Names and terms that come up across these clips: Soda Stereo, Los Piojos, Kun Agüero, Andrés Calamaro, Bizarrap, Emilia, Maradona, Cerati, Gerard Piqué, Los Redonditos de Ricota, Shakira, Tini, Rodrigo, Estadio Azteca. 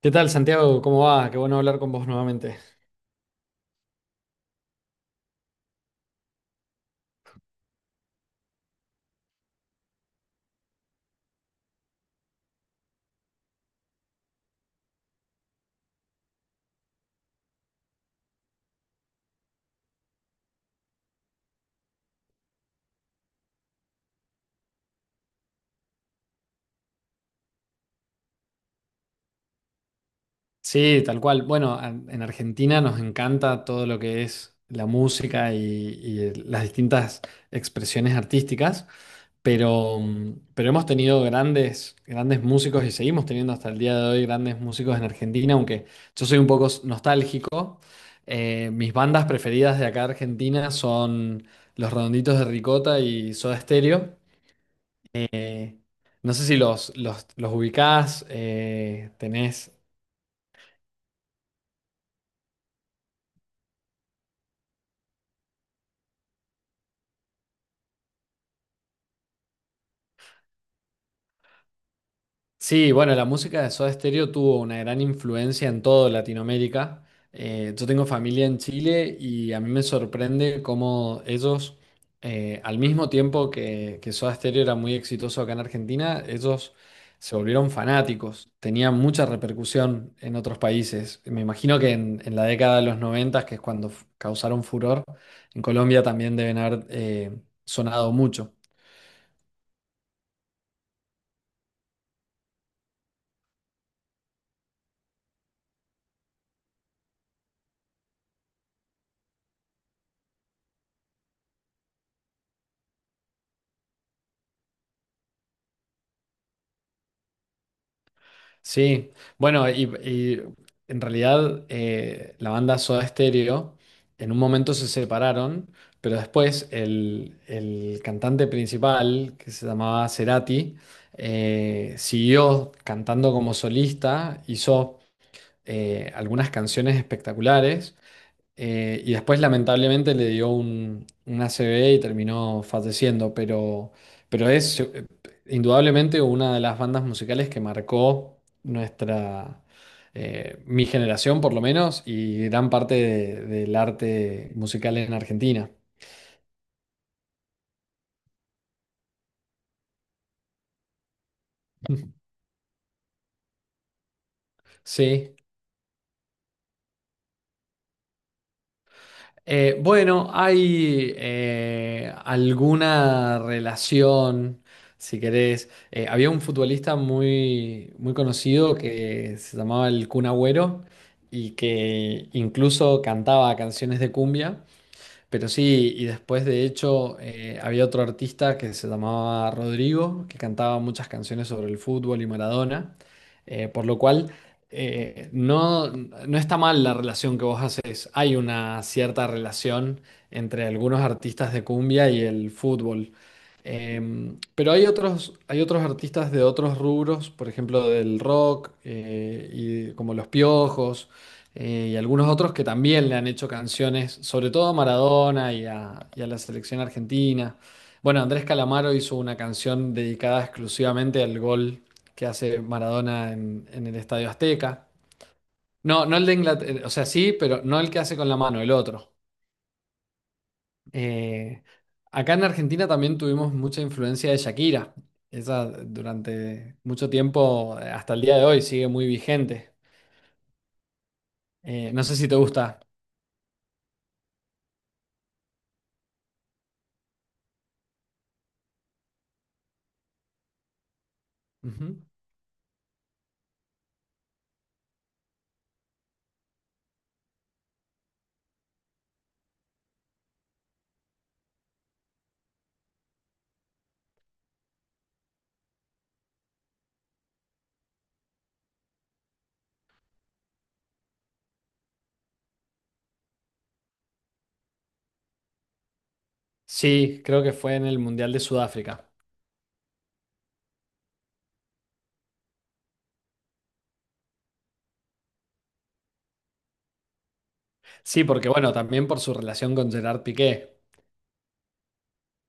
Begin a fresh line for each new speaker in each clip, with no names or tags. ¿Qué tal, Santiago? ¿Cómo va? Qué bueno hablar con vos nuevamente. Sí, tal cual. Bueno, en Argentina nos encanta todo lo que es la música y las distintas expresiones artísticas, pero, pero hemos tenido grandes, grandes músicos y seguimos teniendo hasta el día de hoy grandes músicos en Argentina, aunque yo soy un poco nostálgico. Mis bandas preferidas de acá de Argentina son Los Redonditos de Ricota y Soda Stereo. Eh, no sé si los ubicás, tenés. Sí, bueno, la música de Soda Stereo tuvo una gran influencia en toda Latinoamérica. Yo tengo familia en Chile y a mí me sorprende cómo ellos, al mismo tiempo que Soda Stereo era muy exitoso acá en Argentina, ellos se volvieron fanáticos. Tenían mucha repercusión en otros países. Me imagino que en la década de los 90, que es cuando causaron furor, en Colombia también deben haber sonado mucho. Sí, bueno, y en realidad la banda Soda Stereo en un momento se separaron, pero después el cantante principal, que se llamaba Cerati, siguió cantando como solista, hizo algunas canciones espectaculares, y después, lamentablemente, le dio un ACV y terminó falleciendo, pero es indudablemente una de las bandas musicales que marcó nuestra, mi generación, por lo menos, y gran parte del arte musical en Argentina. Sí. Bueno, hay alguna relación, si querés. Había un futbolista muy, muy conocido que se llamaba el Kun Agüero y que incluso cantaba canciones de cumbia. Pero sí, y después de hecho había otro artista que se llamaba Rodrigo, que cantaba muchas canciones sobre el fútbol y Maradona, por lo cual no, no está mal la relación que vos haces. Hay una cierta relación entre algunos artistas de cumbia y el fútbol. Pero hay otros artistas de otros rubros, por ejemplo del rock, y como Los Piojos y algunos otros que también le han hecho canciones, sobre todo a Maradona y a la selección argentina. Bueno, Andrés Calamaro hizo una canción dedicada exclusivamente al gol que hace Maradona en el Estadio Azteca. No, no el de Inglaterra, o sea, sí, pero no el que hace con la mano, el otro. Eh, acá en Argentina también tuvimos mucha influencia de Shakira. Esa durante mucho tiempo, hasta el día de hoy, sigue muy vigente. No sé si te gusta. Ujú. Sí, creo que fue en el Mundial de Sudáfrica. Sí, porque bueno, también por su relación con Gerard Piqué.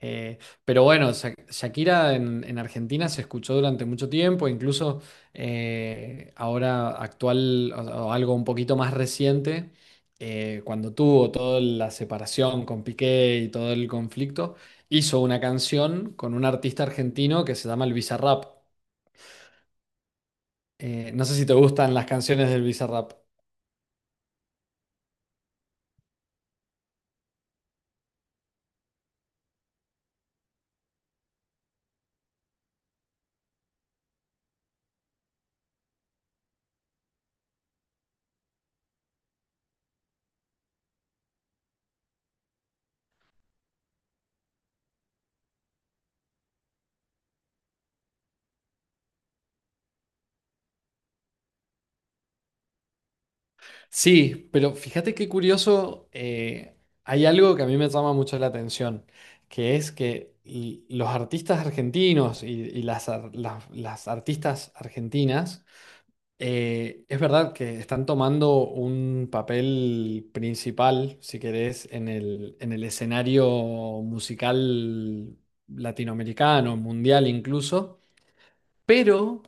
Eh, pero bueno, Shakira en Argentina se escuchó durante mucho tiempo, incluso ahora actual o algo un poquito más reciente, cuando tuvo toda la separación con Piqué y todo el conflicto, hizo una canción con un artista argentino que se llama el Bizarrap. No sé si te gustan las canciones del Bizarrap. Sí, pero fíjate qué curioso, hay algo que a mí me llama mucho la atención, que es que los artistas argentinos y las, las artistas argentinas, es verdad que están tomando un papel principal, si querés, en en el escenario musical latinoamericano, mundial incluso, pero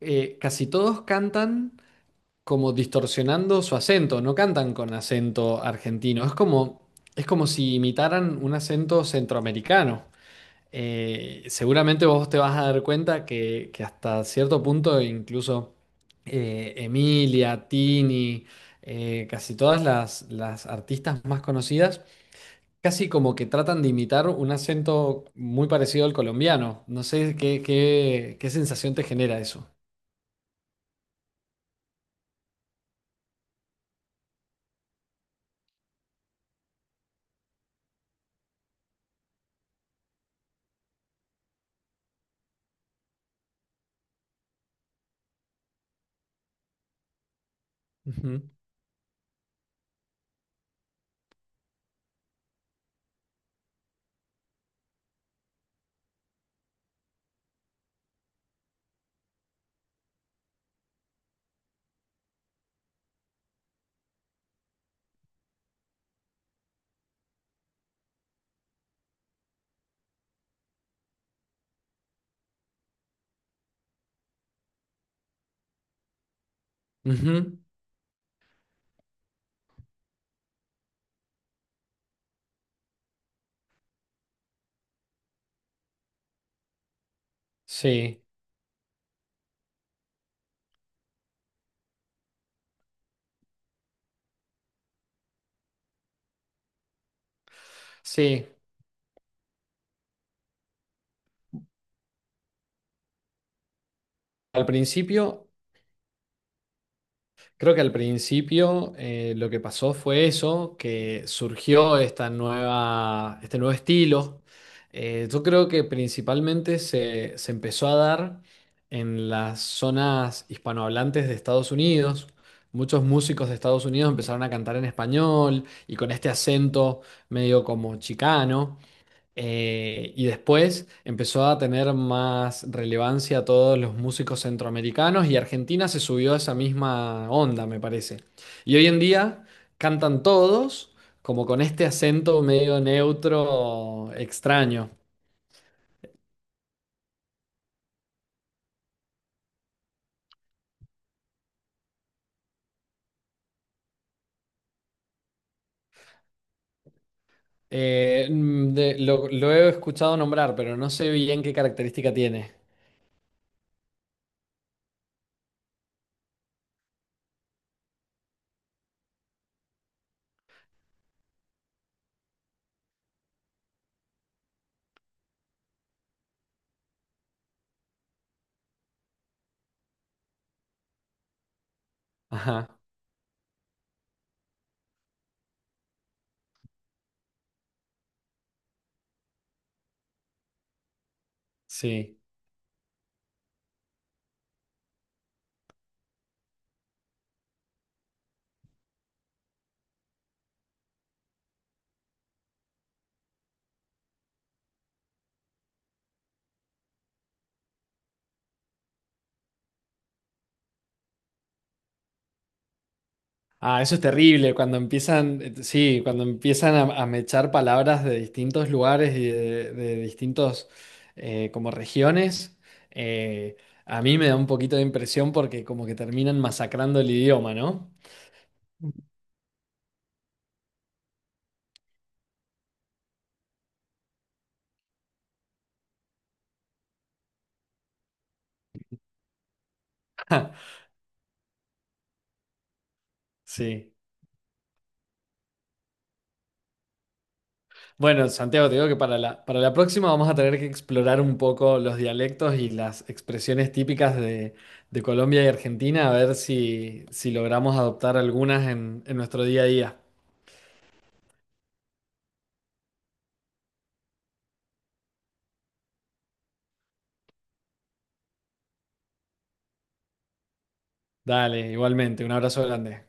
casi todos cantan como distorsionando su acento, no cantan con acento argentino, es como si imitaran un acento centroamericano. Seguramente vos te vas a dar cuenta que hasta cierto punto incluso Emilia, Tini, casi todas las artistas más conocidas, casi como que tratan de imitar un acento muy parecido al colombiano. No sé qué, qué, qué sensación te genera eso. Ujú. Ujú. Sí. Sí, al principio, creo que al principio lo que pasó fue eso, que surgió esta nueva, este nuevo estilo. Yo creo que principalmente se empezó a dar en las zonas hispanohablantes de Estados Unidos. Muchos músicos de Estados Unidos empezaron a cantar en español y con este acento medio como chicano. Y después empezó a tener más relevancia todos los músicos centroamericanos y Argentina se subió a esa misma onda, me parece. Y hoy en día cantan todos como con este acento medio neutro extraño. Lo he escuchado nombrar, pero no sé bien qué característica tiene. Ajá, sí. Ah, eso es terrible, cuando empiezan, sí, cuando empiezan a mechar palabras de distintos lugares y de distintos como regiones, eh, a mí me da un poquito de impresión porque como que terminan masacrando el idioma, ¿no? Sí. Bueno, Santiago, te digo que para la próxima vamos a tener que explorar un poco los dialectos y las expresiones típicas de Colombia y Argentina, a ver si, si logramos adoptar algunas en nuestro día a día. Dale, igualmente, un abrazo grande.